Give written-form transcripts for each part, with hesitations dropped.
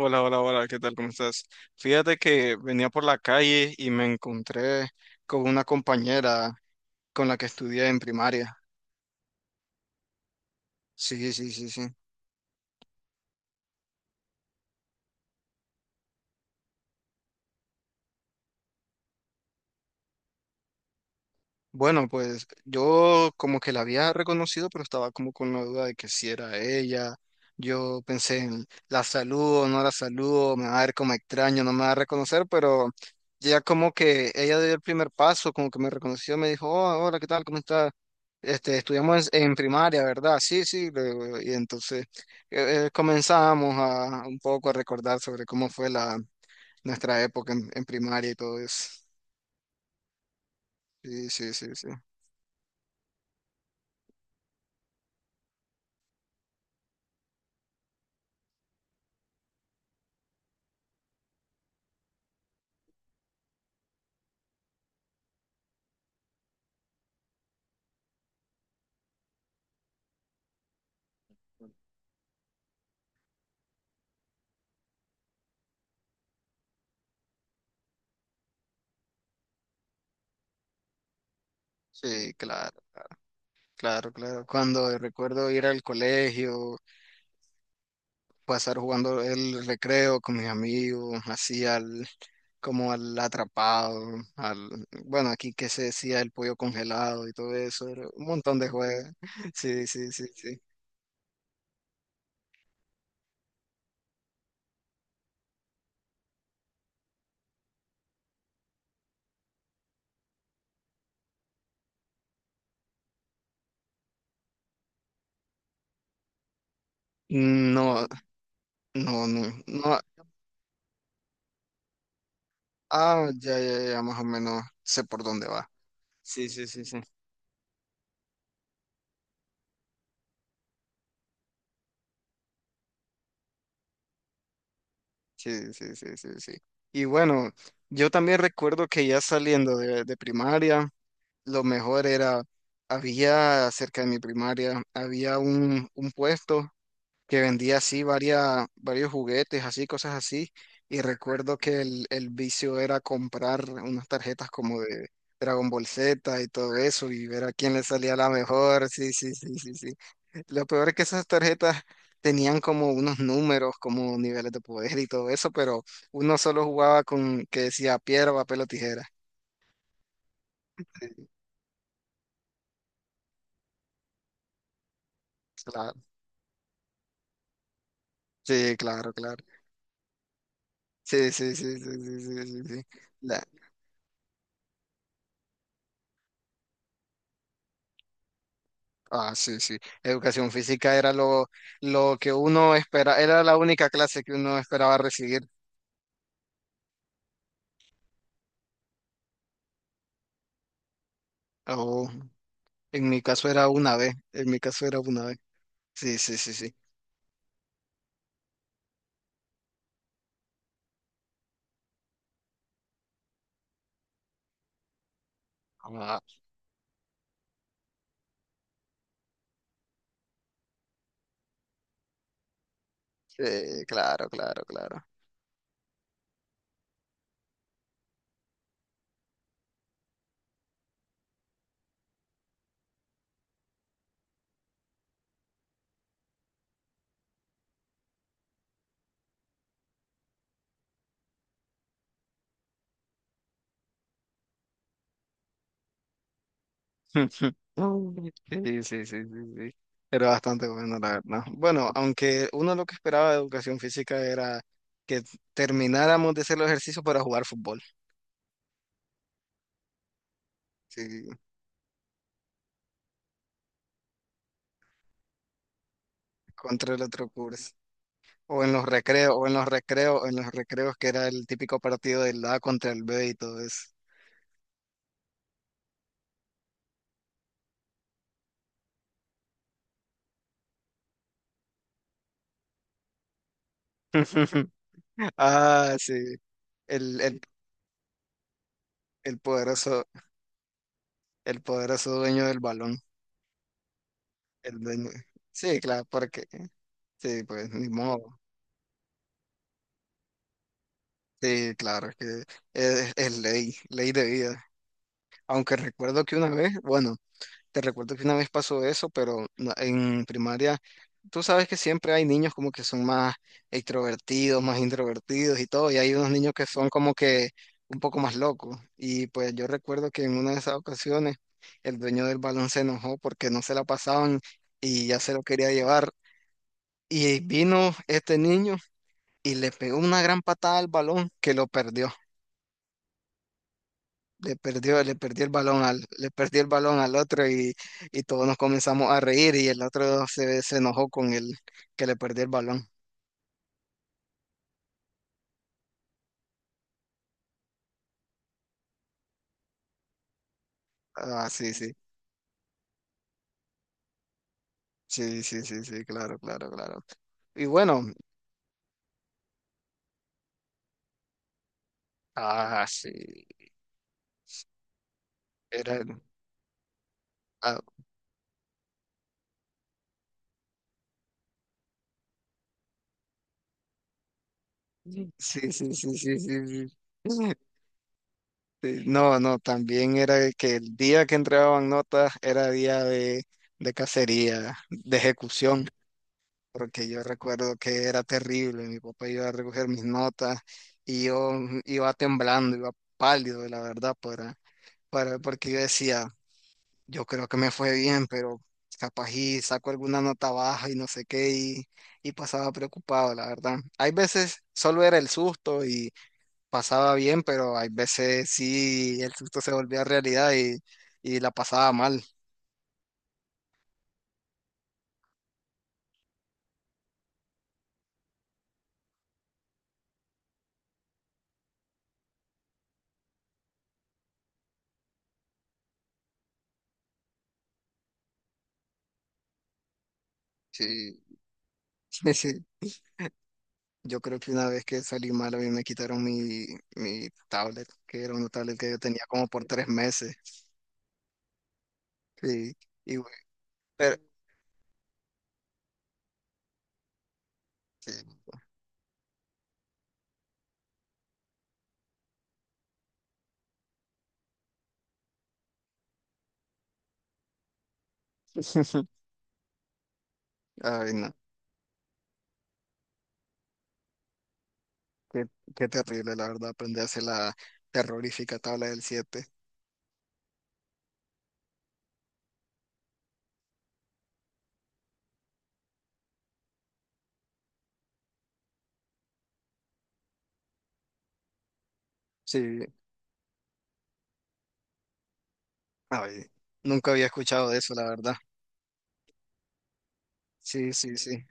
Hola, hola, hola, ¿qué tal? ¿Cómo estás? Fíjate que venía por la calle y me encontré con una compañera con la que estudié en primaria. Sí, sí, sí, sí. Bueno, pues yo como que la había reconocido, pero estaba como con la duda de que si era ella. Yo pensé en la saludo, no la saludo, me va a ver como extraño, no me va a reconocer, pero ya como que ella dio el primer paso, como que me reconoció, me dijo, "Oh, hola, ¿qué tal? ¿Cómo estás? Este, estudiamos en primaria, ¿verdad? Sí, sí, le digo, y entonces comenzamos a un poco a recordar sobre cómo fue la nuestra época en primaria y todo eso. Sí, sí, sí, sí. Sí, claro. Claro, claro. Cuando recuerdo ir al colegio, pasar jugando el recreo con mis amigos, como al atrapado, bueno, aquí que se decía el pollo congelado y todo eso, era un montón de juegos. Sí, sí, sí, sí. No, no, no, no. Ah, ya, ya, ya, más o menos sé por dónde va. Sí, sí, sí, sí. Sí, sí, sí, sí, sí. Y bueno, yo también recuerdo que ya saliendo de primaria. Lo mejor era, había cerca de mi primaria, había un puesto que vendía así varias, varios juguetes, así, cosas así. Y recuerdo que el vicio era comprar unas tarjetas como de Dragon Ball Z y todo eso y ver a quién le salía la mejor. Sí, sí, sí, sí, sí. Lo peor es que esas tarjetas tenían como unos números, como niveles de poder y todo eso, pero uno solo jugaba con que decía piedra, papel o tijera. Sí, claro, sí, claro, claro. Sí, sí, sí, sí, sí, sí, sí, sí. La- ah, sí, sí. Educación física era lo que uno esperaba, era la única clase que uno esperaba recibir. O en mi caso era una vez, en mi caso era una vez. Sí, sí, sí, sí. Ah, sí, claro, claro, claro. Sí, sí, sí, sí, sí. Era bastante bueno, la verdad. Bueno, aunque uno lo que esperaba de educación física era que termináramos de hacer los ejercicios para jugar fútbol. Sí, contra el otro curso. O en los recreos, o en los recreos, En los recreos que era el típico partido del A contra el B y todo eso. Ah, sí, el, el, el poderoso, el poderoso dueño del balón, el dueño. Sí, claro, porque, sí, pues, ni modo. Sí, claro, es que es ley, ley de vida. Aunque recuerdo que una vez, bueno, Te recuerdo que una vez pasó eso, pero en primaria, tú sabes que siempre hay niños como que son más extrovertidos, más introvertidos y todo, y hay unos niños que son como que un poco más locos. Y pues yo recuerdo que en una de esas ocasiones el dueño del balón se enojó porque no se la pasaban y ya se lo quería llevar. Y vino este niño y le pegó una gran patada al balón que lo perdió. Le perdió el balón al otro y todos nos comenzamos a reír y el otro se enojó con el que le perdió el balón. Ah, sí, sí. Sí, sí, sí, sí, claro, claro, claro. Y bueno, ah, sí, era, ah, sí, sí, sí, sí, sí, sí. Sí, no, no, también era que el día que entregaban notas era día de cacería, de ejecución. Porque yo recuerdo que era terrible, mi papá iba a recoger mis notas y yo iba temblando, iba pálido, la verdad, porque yo decía, yo creo que me fue bien, pero capaz y saco alguna nota baja y no sé qué, y pasaba preocupado, la verdad. Hay veces solo era el susto y pasaba bien, pero hay veces sí el susto se volvía realidad y la pasaba mal. Sí, sí. Sí. Yo creo que una vez que salí mal, a mí me quitaron mi tablet, que era una tablet que yo tenía como por 3 meses. Sí, y, güey, pero, sí. Ay, no, qué, qué terrible, la verdad, aprenderse la terrorífica tabla del siete. Sí, ay, nunca había escuchado de eso, la verdad. Sí, sí, sí.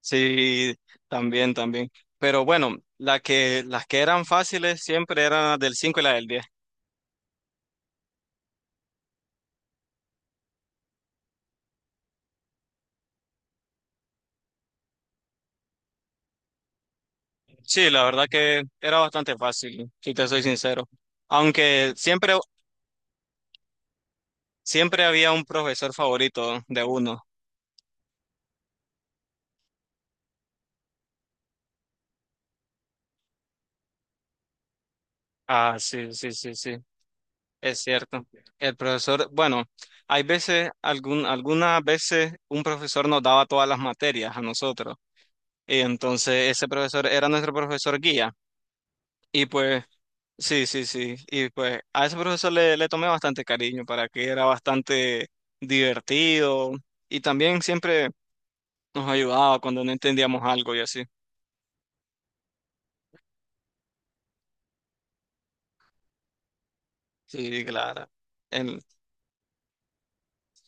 Sí, también, también. Pero bueno, la que, las que eran fáciles siempre eran las del 5 y la del 10. Sí, la verdad que era bastante fácil, si te soy sincero. Aunque siempre había un profesor favorito de uno. Ah, sí, sí, sí, sí, es cierto. El profesor, bueno, hay veces, algún, algunas veces un profesor nos daba todas las materias a nosotros. Y entonces ese profesor era nuestro profesor guía. Y pues, sí, sí, sí. Y pues a ese profesor le tomé bastante cariño para que era bastante divertido. Y también siempre nos ayudaba cuando no entendíamos algo y así. Sí, claro. El,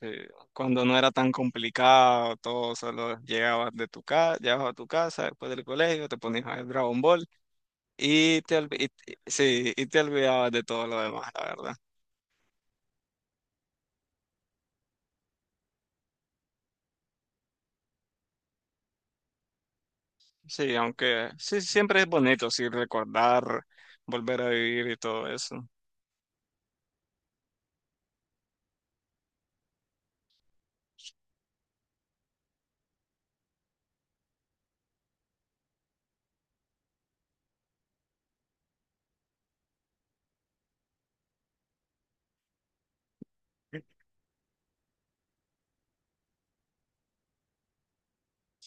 sí, cuando no era tan complicado, todo solo llegabas de tu casa, llegabas a tu casa después del colegio, te ponías a ver Dragon Ball y sí, y te olvidabas de todo lo demás, la verdad. Sí, aunque sí, siempre es bonito, sí, recordar, volver a vivir y todo eso.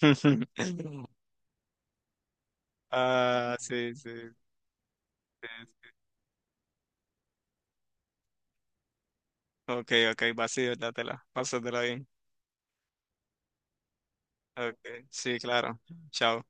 Ah, sí, sí, sí. Ok, ok, vacío, dátela, pásatela bien. Ok, sí, claro. Chao.